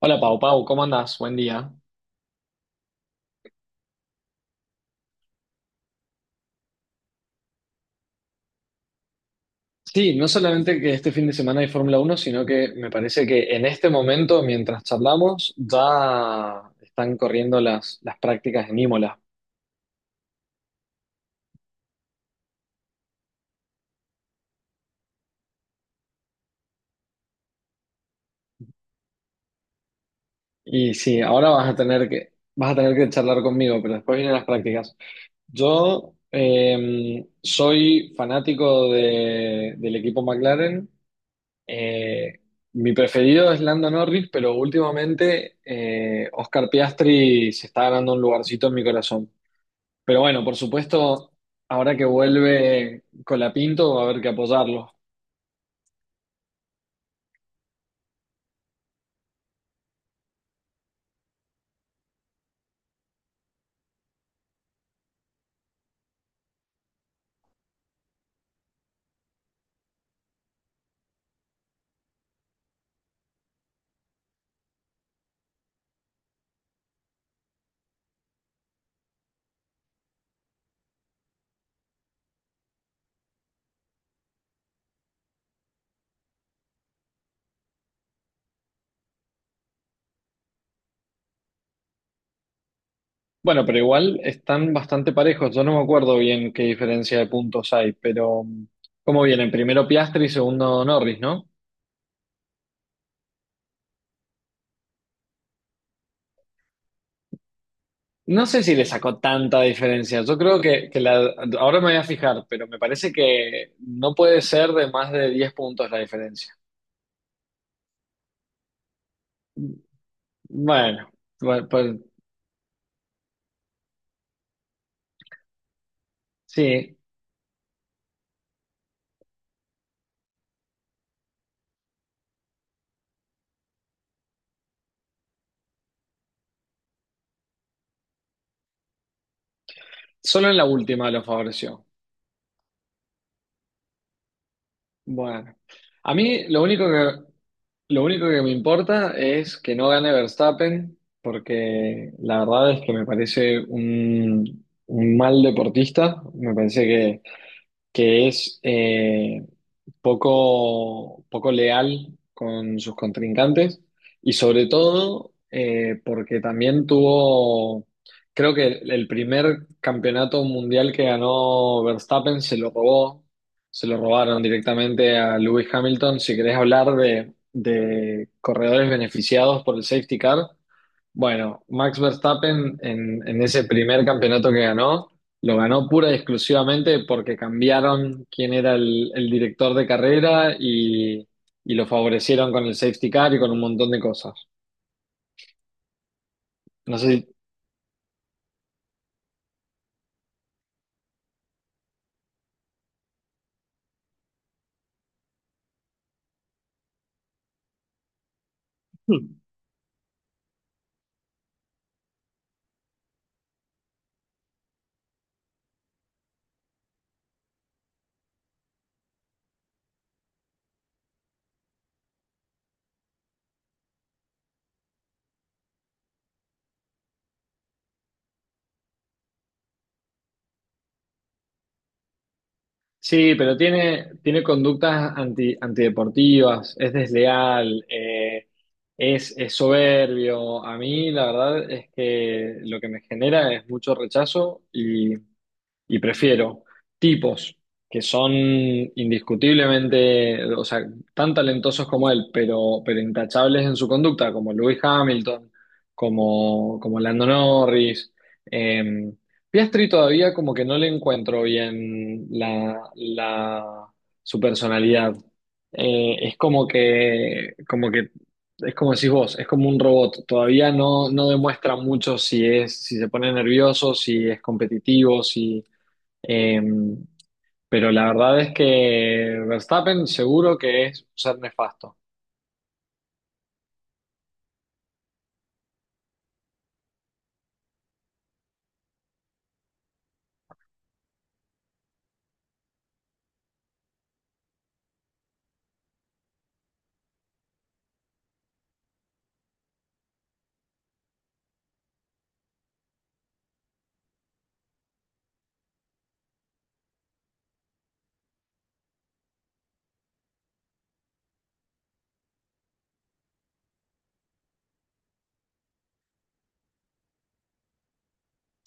Hola Pau, Pau, ¿cómo andás? Buen día. Sí, no solamente que este fin de semana hay Fórmula Uno, sino que me parece que en este momento, mientras charlamos, ya están corriendo las prácticas en Imola. Y sí, ahora vas a tener que charlar conmigo, pero después vienen las prácticas. Yo soy fanático del equipo McLaren. Eh, mi preferido es Lando Norris, pero últimamente Oscar Piastri se está ganando un lugarcito en mi corazón. Pero bueno, por supuesto, ahora que vuelve Colapinto va a haber que apoyarlo. Bueno, pero igual están bastante parejos. Yo no me acuerdo bien qué diferencia de puntos hay, pero ¿cómo vienen? Primero Piastri y segundo Norris, ¿no? No sé si le sacó tanta diferencia. Yo creo que ahora me voy a fijar, pero me parece que no puede ser de más de 10 puntos la diferencia. Bueno, bueno, pues sí, solo en la última lo favoreció. Bueno, a mí lo único que me importa es que no gane Verstappen, porque la verdad es que me parece un mal deportista, me parece que es, poco leal con sus contrincantes y sobre todo porque también tuvo, creo que el primer campeonato mundial que ganó Verstappen se lo robó, se lo robaron directamente a Lewis Hamilton. Si querés hablar de corredores beneficiados por el safety car, bueno, Max Verstappen en ese primer campeonato que ganó, lo ganó pura y exclusivamente porque cambiaron quién era el director de carrera y lo favorecieron con el safety car y con un montón de cosas. No sé si- sí, pero tiene, tiene conductas antideportivas, es desleal, es soberbio. A mí la verdad es que lo que me genera es mucho rechazo. Y prefiero tipos que son indiscutiblemente, o sea, tan talentosos como él, pero intachables en su conducta, como Lewis Hamilton, como, como Lando Norris. Eh, Piastri todavía como que no le encuentro bien su personalidad. Es como que, es como decís vos, es como un robot. Todavía no, no demuestra mucho si es, si se pone nervioso, si es competitivo, si eh, pero la verdad es que Verstappen seguro que es un ser nefasto.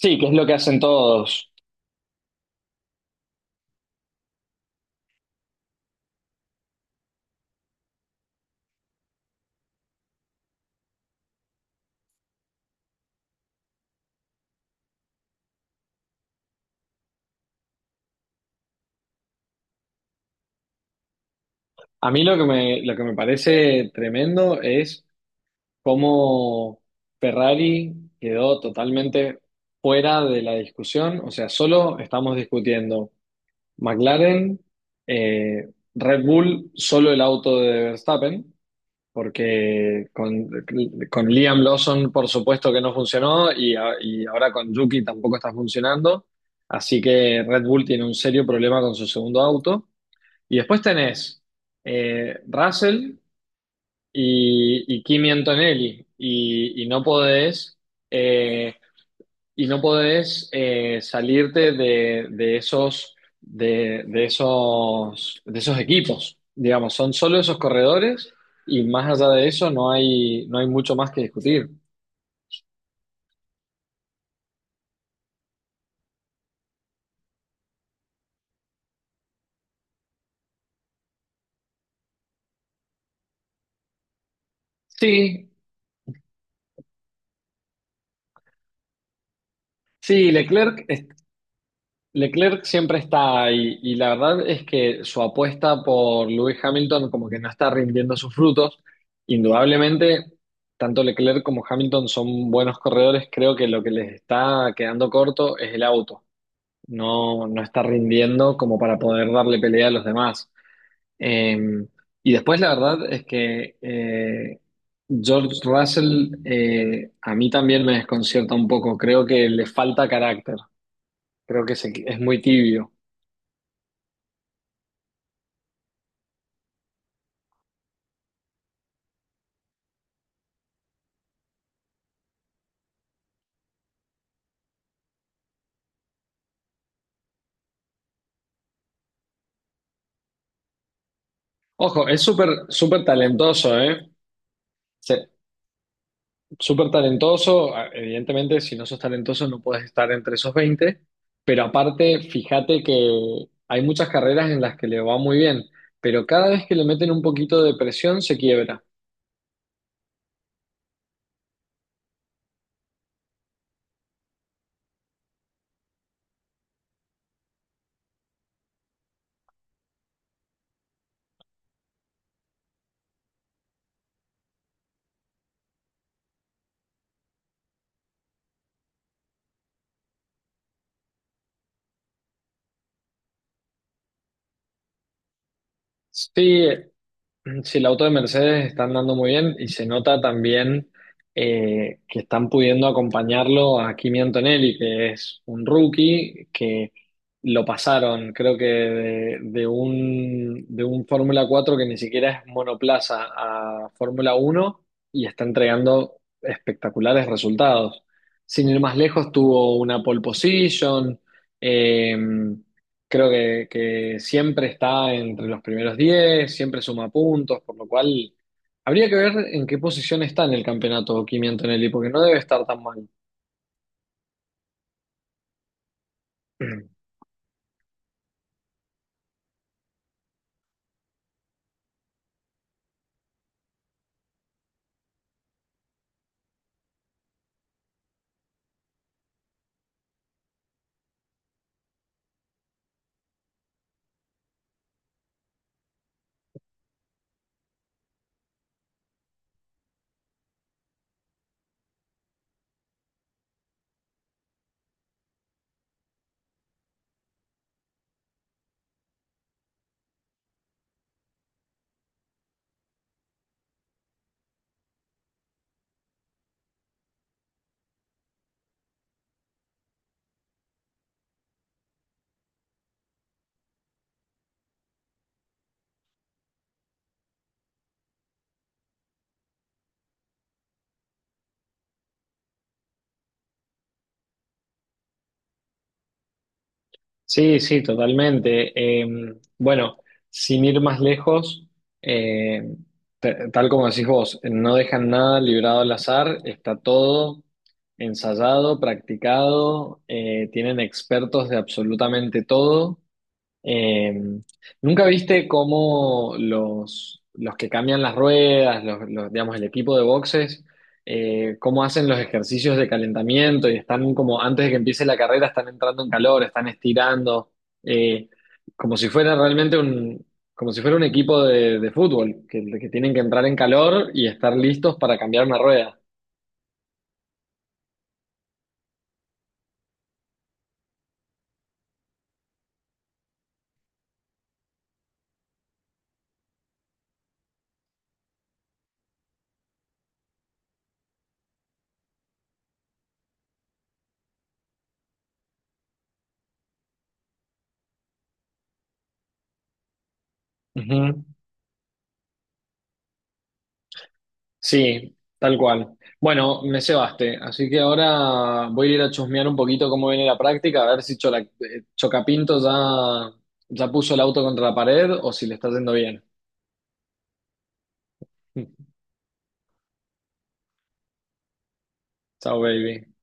Sí, que es lo que hacen todos. A mí lo que me parece tremendo es cómo Ferrari quedó totalmente fuera de la discusión. O sea, solo estamos discutiendo McLaren, eh, Red Bull, solo el auto de Verstappen. porque con, con Liam Lawson por supuesto que no funcionó y, y ahora con Yuki tampoco está funcionando, así que Red Bull tiene un serio problema con su segundo auto. Y después tenés Russell y Kimi Antonelli eh, y no podés salirte de esos de esos equipos, digamos, son solo esos corredores y más allá de eso no hay, no hay mucho más que discutir. Sí, sí, Leclerc siempre está ahí y la verdad es que su apuesta por Lewis Hamilton como que no está rindiendo sus frutos. Indudablemente, tanto Leclerc como Hamilton son buenos corredores, creo que lo que les está quedando corto es el auto. No, no está rindiendo como para poder darle pelea a los demás. Eh, y después la verdad es que George Russell, a mí también me desconcierta un poco, creo que le falta carácter, creo que es muy tibio. Ojo, es súper súper talentoso, ¿eh? Se- Súper talentoso, evidentemente si no sos talentoso no puedes estar entre esos 20. Pero aparte fíjate que hay muchas carreras en las que le va muy bien, pero cada vez que le meten un poquito de presión se quiebra. Sí, mm, sí, el auto de Mercedes está andando muy bien y se nota también que están pudiendo acompañarlo a Kimi Antonelli, que es un rookie que lo pasaron, creo que de un Fórmula 4 que ni siquiera es monoplaza a Fórmula uno y está entregando espectaculares resultados. Sin ir más lejos, tuvo una pole position. eh, Creo que siempre está entre los primeros 10, siempre suma puntos, por lo cual habría que ver en qué posición está en el campeonato Kimi Antonelli, porque no debe estar tan mal. Sí, sí, totalmente. Eh, bueno, sin ir más lejos, eh, tal como decís vos, no dejan nada librado al azar, está todo ensayado, practicado, tienen expertos de absolutamente todo. Eh, ¿Nunca viste cómo los que cambian las ruedas, digamos, el equipo de boxes, cómo hacen los ejercicios de calentamiento y están como antes de que empiece la carrera, están entrando en calor, están estirando, eh, como si fuera como si fuera un equipo de fútbol, que tienen que entrar en calor y estar listos para cambiar una rueda? Ujú. Sí, tal cual. Bueno, me cebaste, así que ahora voy a ir a chusmear un poquito cómo viene la práctica, a ver si Chocapinto ya, ya puso el auto contra la pared o si le está yendo bien. Chao, baby.